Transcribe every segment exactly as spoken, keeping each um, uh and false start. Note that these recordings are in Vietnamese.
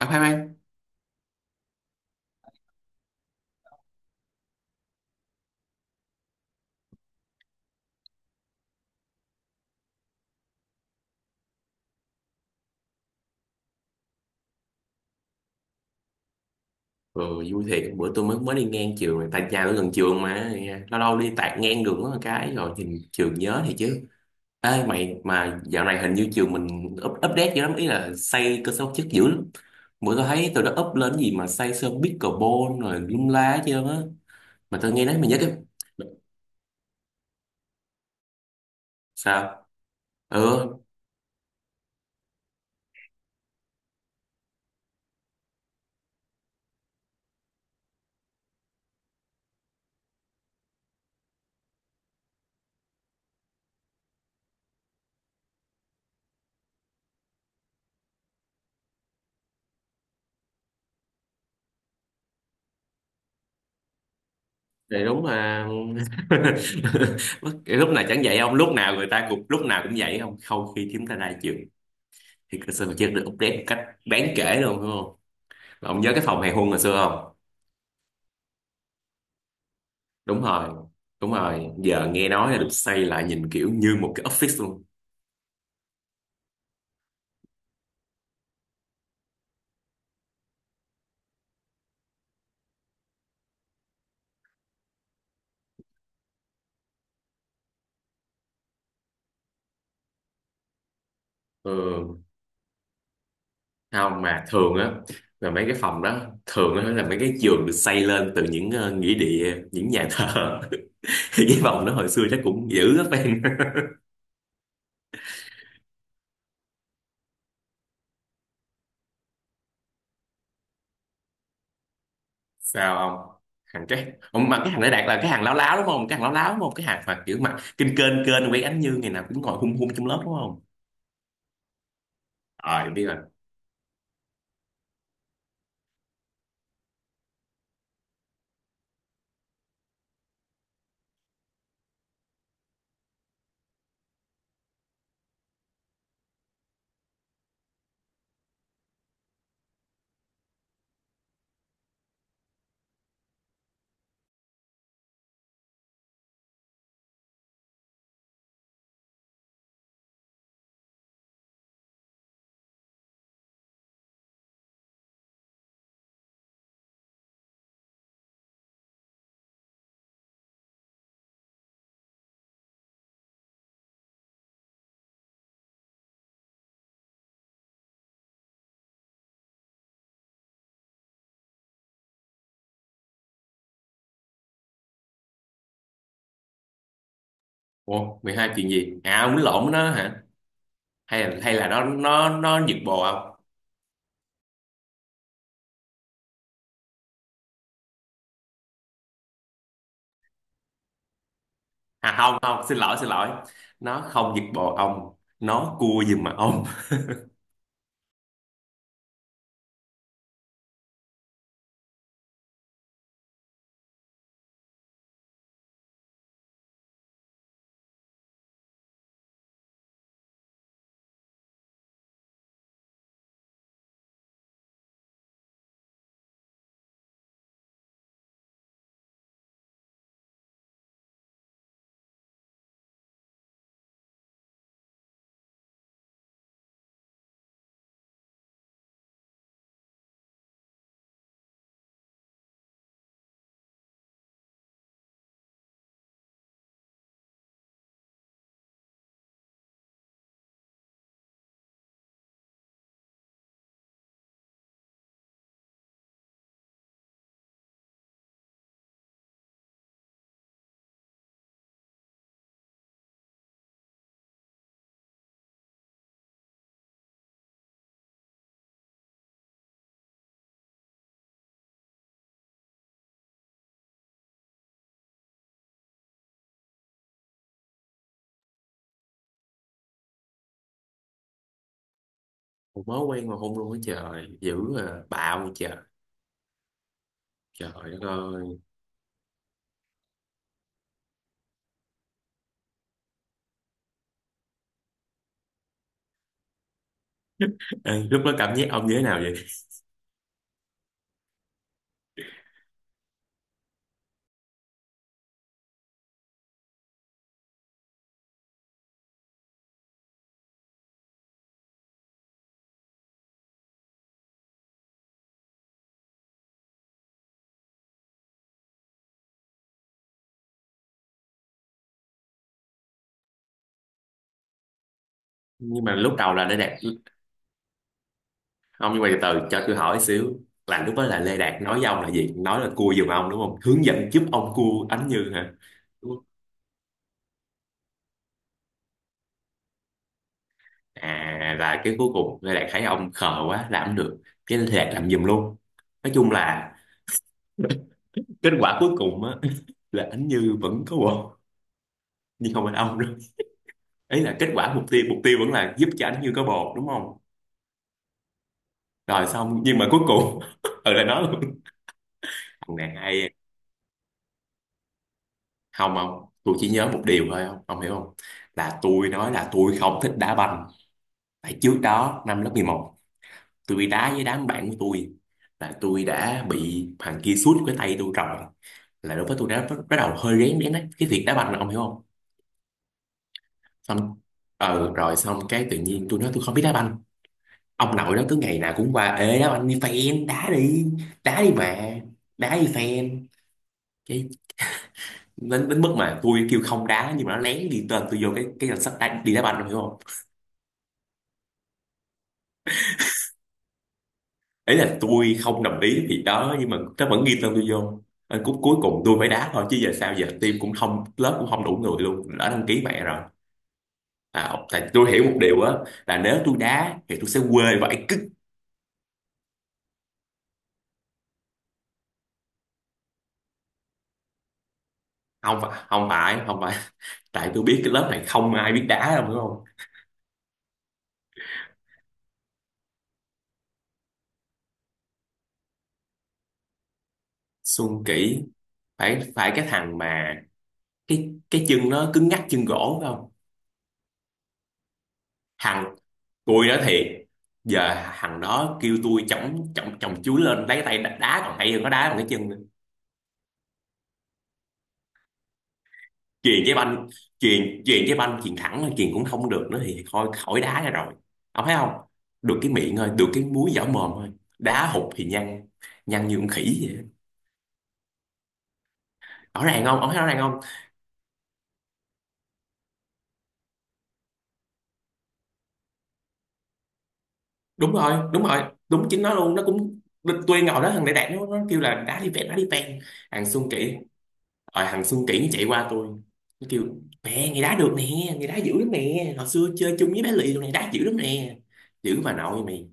À, khoan khoan. ừ, Vui thiệt, bữa tôi mới mới đi ngang trường này. Tại nhà tôi gần trường mà, lâu lâu đi tạt ngang đường có một cái rồi nhìn trường nhớ thì chứ. Ê mày, mà dạo này hình như trường mình up, update dữ lắm, ý là xây cơ sở vật chất dữ lắm. Bữa tôi thấy tôi đã up lên cái gì mà xây sân pickleball rồi lum la hết trơn á. Mà tôi nghe nói mình nhớ cái. Sao? Ừ, thì đúng mà. Bất- lúc nào chẳng vậy, không lúc nào người ta cũng, lúc nào cũng vậy, không không, khi chúng ta ra trường thì cơ sở vật chất được update một cách đáng kể luôn đúng không. Ông nhớ cái phòng hàng hôn hồi xưa không? Đúng rồi, đúng rồi. Giờ nghe nói là được xây lại nhìn kiểu như một cái office luôn. Ừ, không mà thường á, là mấy cái phòng đó, thường á là mấy cái giường được xây lên từ những ờ, nghĩa địa, những nhà thờ. Cái phòng đó hồi xưa chắc cũng dữ lắm em. Sao không? Thằng cái, ông mà cái thằng đấy Đạt là cái hàng láo láo đúng không? Cái hàng láo láo đúng không? Cái hàng mà kiểu mà kinh kênh kênh quay ánh như ngày nào cũng ngồi hung hung trong lớp đúng không? Ờ, em biết rồi. Ồ mười hai chuyện gì? À, ông lộn nó hả? Hay là hay là nó nó nó giật bồ ông? À, không không, xin lỗi xin lỗi, nó không giật bồ ông, nó cua giùm mà ông. Ủa, mới quen mà hôn luôn á, trời dữ à, bạo vậy trời. Trời đất ơi. Ê, lúc đó cảm giác ông như thế nào vậy? Nhưng mà lúc đầu là Lê Đạt, ông, nhưng mà từ từ cho tôi hỏi xíu, là lúc đó là Lê Đạt nói với ông là gì, nói là cua giùm ông đúng không, hướng dẫn giúp ông cua Ánh Như hả? Đúng không? À là cái cuối cùng Lê Đạt thấy ông khờ quá làm không được, cái Lê Đạt làm giùm luôn. Nói chung là kết quả cuối cùng á, là anh Như vẫn có bồ, nhưng không phải ông nữa. Ấy là kết quả, mục tiêu, mục tiêu vẫn là giúp cho anh Như có bồ đúng không. Rồi xong, nhưng mà cuối cùng ừ, là nó luôn. Thằng này hay. Không không, tôi chỉ nhớ một điều thôi, không ông hiểu không, là tôi nói là tôi không thích đá banh. Tại trước đó năm lớp mười một, tôi đá với đám bạn của tôi, là tôi đã bị thằng kia sút cái tay tôi rồi, là đối với tôi đã bắt bắt đầu hơi rén rén đấy cái việc đá banh, là ông hiểu không. Xong, ờ rồi xong cái tự nhiên tôi nói tôi không biết đá banh, ông nội nó cứ ngày nào cũng qua, ê đó anh đi fan đá đi, đá đi mà, đá đi fan. Cái, đến, đến mức mà tôi kêu không đá nhưng mà nó lén ghi tên tôi vô cái cái danh sách đá, đi đá banh ông hiểu không. Ấy là tôi không đồng ý thì đó, nhưng mà nó vẫn ghi tên tôi vô. Ờ, cuối cuối cùng tôi phải đá thôi chứ giờ sao, giờ team cũng không, lớp cũng không đủ người luôn, đã đăng ký mẹ rồi. À, tại tôi hiểu một điều á, là nếu tôi đá thì tôi sẽ quê vậy cứ. Không phải, không phải, không phải, tại tôi biết cái lớp này không ai biết đá đâu hiểu không. Xuân Kỷ, phải phải, cái thằng mà cái cái chân nó cứng ngắc, chân gỗ phải không? Thằng, tôi nói thiệt, giờ thằng đó kêu tôi chổng chổng chổng chuối lên lấy tay đá, đá còn hay hơn nó đá bằng cái chân nữa. Chuyền cái banh, chuyền chuyền cái banh chuyền thẳng thôi, chuyền cũng không được nữa thì thôi khỏi đá ra rồi, ông thấy không. Được cái miệng thôi, được cái múi vỏ mồm thôi, đá hụt thì nhăn, nhăn như con khỉ vậy. Rõ ràng không, ông thấy rõ ràng không. Đúng rồi, đúng rồi, đúng chính nó luôn, nó cũng. Tôi ngồi đó thằng đại đạt nó, nó kêu là đá đi ven, đá đi ven. Thằng Xuân Kỷ, rồi thằng Xuân Kỷ nó chạy qua tôi, nó kêu, mẹ người đá được nè, người đá dữ lắm nè, hồi xưa chơi chung với bé Lì tụi này đá dữ lắm nè. Dữ bà nội mày.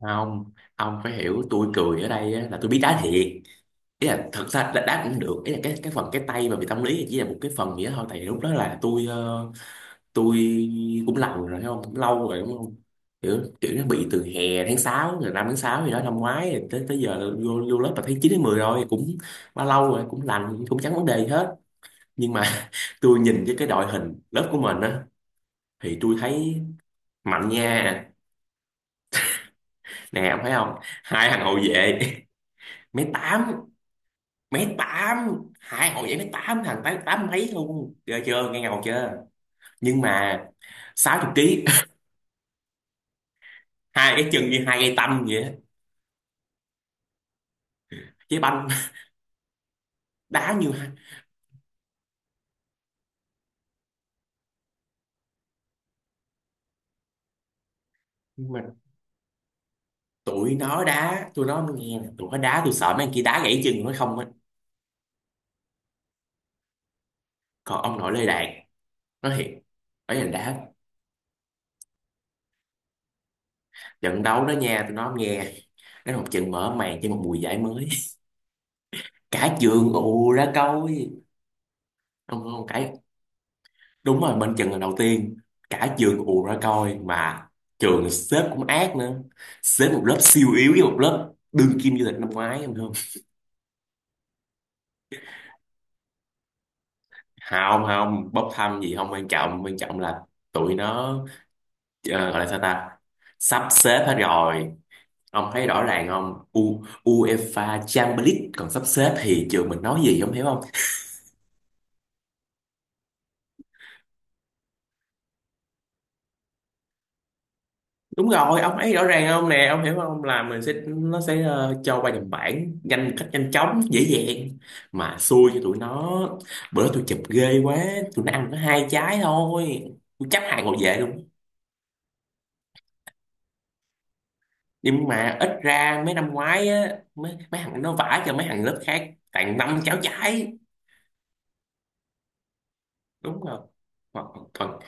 Không, ông phải hiểu tôi cười ở đây á, là tôi biết đá thiệt, ý là thật ra là đá cũng được, ý là cái cái phần cái tay mà bị tâm lý thì chỉ là một cái phần gì đó thôi, tại vì lúc đó là tôi, ờ, tôi cũng lâu rồi thấy không, cũng lâu rồi đúng không. Kiểu kiểu nó bị từ hè tháng sáu rồi, năm tháng sáu gì đó năm ngoái rồi, tới tới giờ là vô vô lớp là tháng chín đến mười rồi cũng bao lâu rồi cũng lành, cũng chẳng vấn đề gì hết. Nhưng mà tôi nhìn với cái đội hình lớp của mình á, thì tôi thấy mạnh nha. Nè ông thấy không, hai thằng hậu vệ mấy tám, mấy tám, hai hậu vệ mấy tám, thằng tám tám mấy luôn, ghê chưa, nghe ngầu chưa. Nhưng mà sáu mươi ký hai cái chân như hai cây tăm vậy á. Với banh đá như, nhưng mà tụi nó đá, tụi nó nghe nè, tụi nó đá tôi sợ mấy anh kia đá gãy chân nó không á. Còn ông nội Lê Đạt, nói thiệt. Ở nhà đá. Trận đấu đó nha tụi nó nghe, nó một trận mở màn cho một mùa giải mới. Cả trường ù ra coi. Không không cái, đúng rồi bên trận là đầu tiên, cả trường ù ra coi mà. Trường xếp cũng ác nữa, xếp một lớp siêu yếu với một lớp đương kim vô địch năm ngoái, em không. Hào không, bốc thăm gì không quan trọng, quan trọng là tụi nó, ờ, gọi là sao ta, sắp xếp hết rồi. Ông thấy rõ ràng không, U UEFA Champions League còn sắp xếp thì trường mình nói gì, ông hiểu không. Đúng rồi ông thấy rõ ràng không, nè ông hiểu không, là mình sẽ, nó sẽ ờ, cho qua nhầm bảng nhanh một cách nhanh chóng dễ dàng. Mà xui cho tụi nó, bữa tôi chụp ghê quá, tụi nó ăn có hai trái thôi, tôi chấp hàng ngồi về luôn. Nhưng mà ít ra mấy năm ngoái á, mấy, mấy thằng nó vả cho mấy thằng lớp khác tặng năm cháo trái. Đúng rồi. Còn, còn,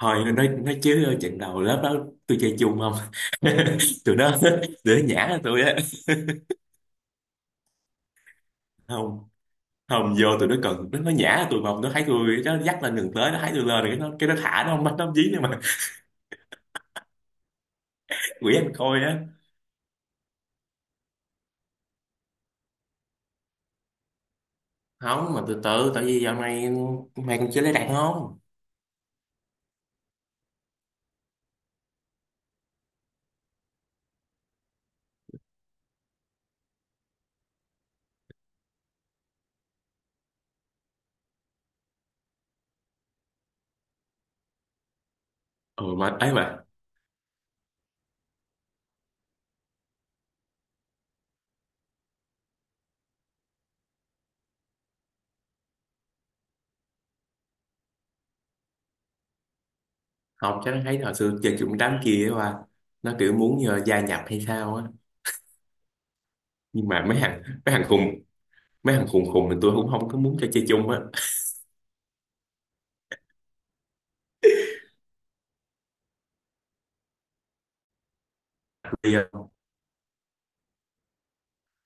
thôi nói nói chứ trận đầu lớp đó tôi chơi chung không. Tụi nó để nhã tôi á. Không không vô, tụi nó cần nó, nó nhã tụi, mà nó thấy tôi nó dắt lên đường tới, nó thấy tôi lên rồi cái nó cái nó thả, nó không bắt, nó không dí nữa mà. Quỷ anh khôi á. Không mà từ từ, tại vì dạo này mày còn chưa lấy đàn không. Ừ mà ấy mà, không chắc nó thấy hồi xưa chơi chung đám kia mà, nó kiểu muốn nhờ gia nhập hay sao á. Nhưng mà mấy thằng mấy thằng khùng, mấy thằng khùng khùng thì tôi cũng không có muốn cho chơi chung á. Bây giờ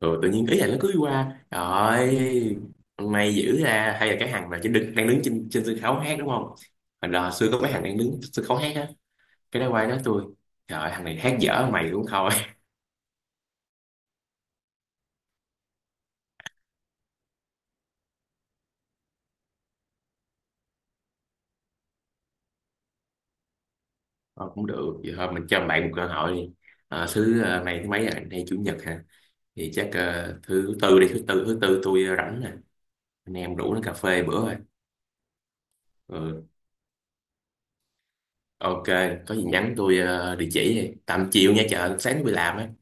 rồi tự nhiên ý là nó cứ đi qua, trời ơi, may dữ ra, hay là cái thằng mà chỉ đứng, đang đứng trên trên sân khấu hát đúng không, hồi đó xưa có mấy thằng đang đứng trên sân khấu hát á, cái đó quay nói tôi, trời ơi, thằng này hát dở mày cũng thôi. Ờ, cũng được vậy thôi, mình cho bạn một cơ hội đi. Ờ, thứ ờ, này thứ mấy rồi, nay chủ nhật hả? Thì chắc ờ, thứ tư đi, thứ tư thứ tư tôi ờ, rảnh nè, anh em rủ nó cà phê bữa rồi. Ừ, ok. Có gì nhắn tôi ờ, địa chỉ đi tầm chiều nha, chợ sáng tôi đi làm á.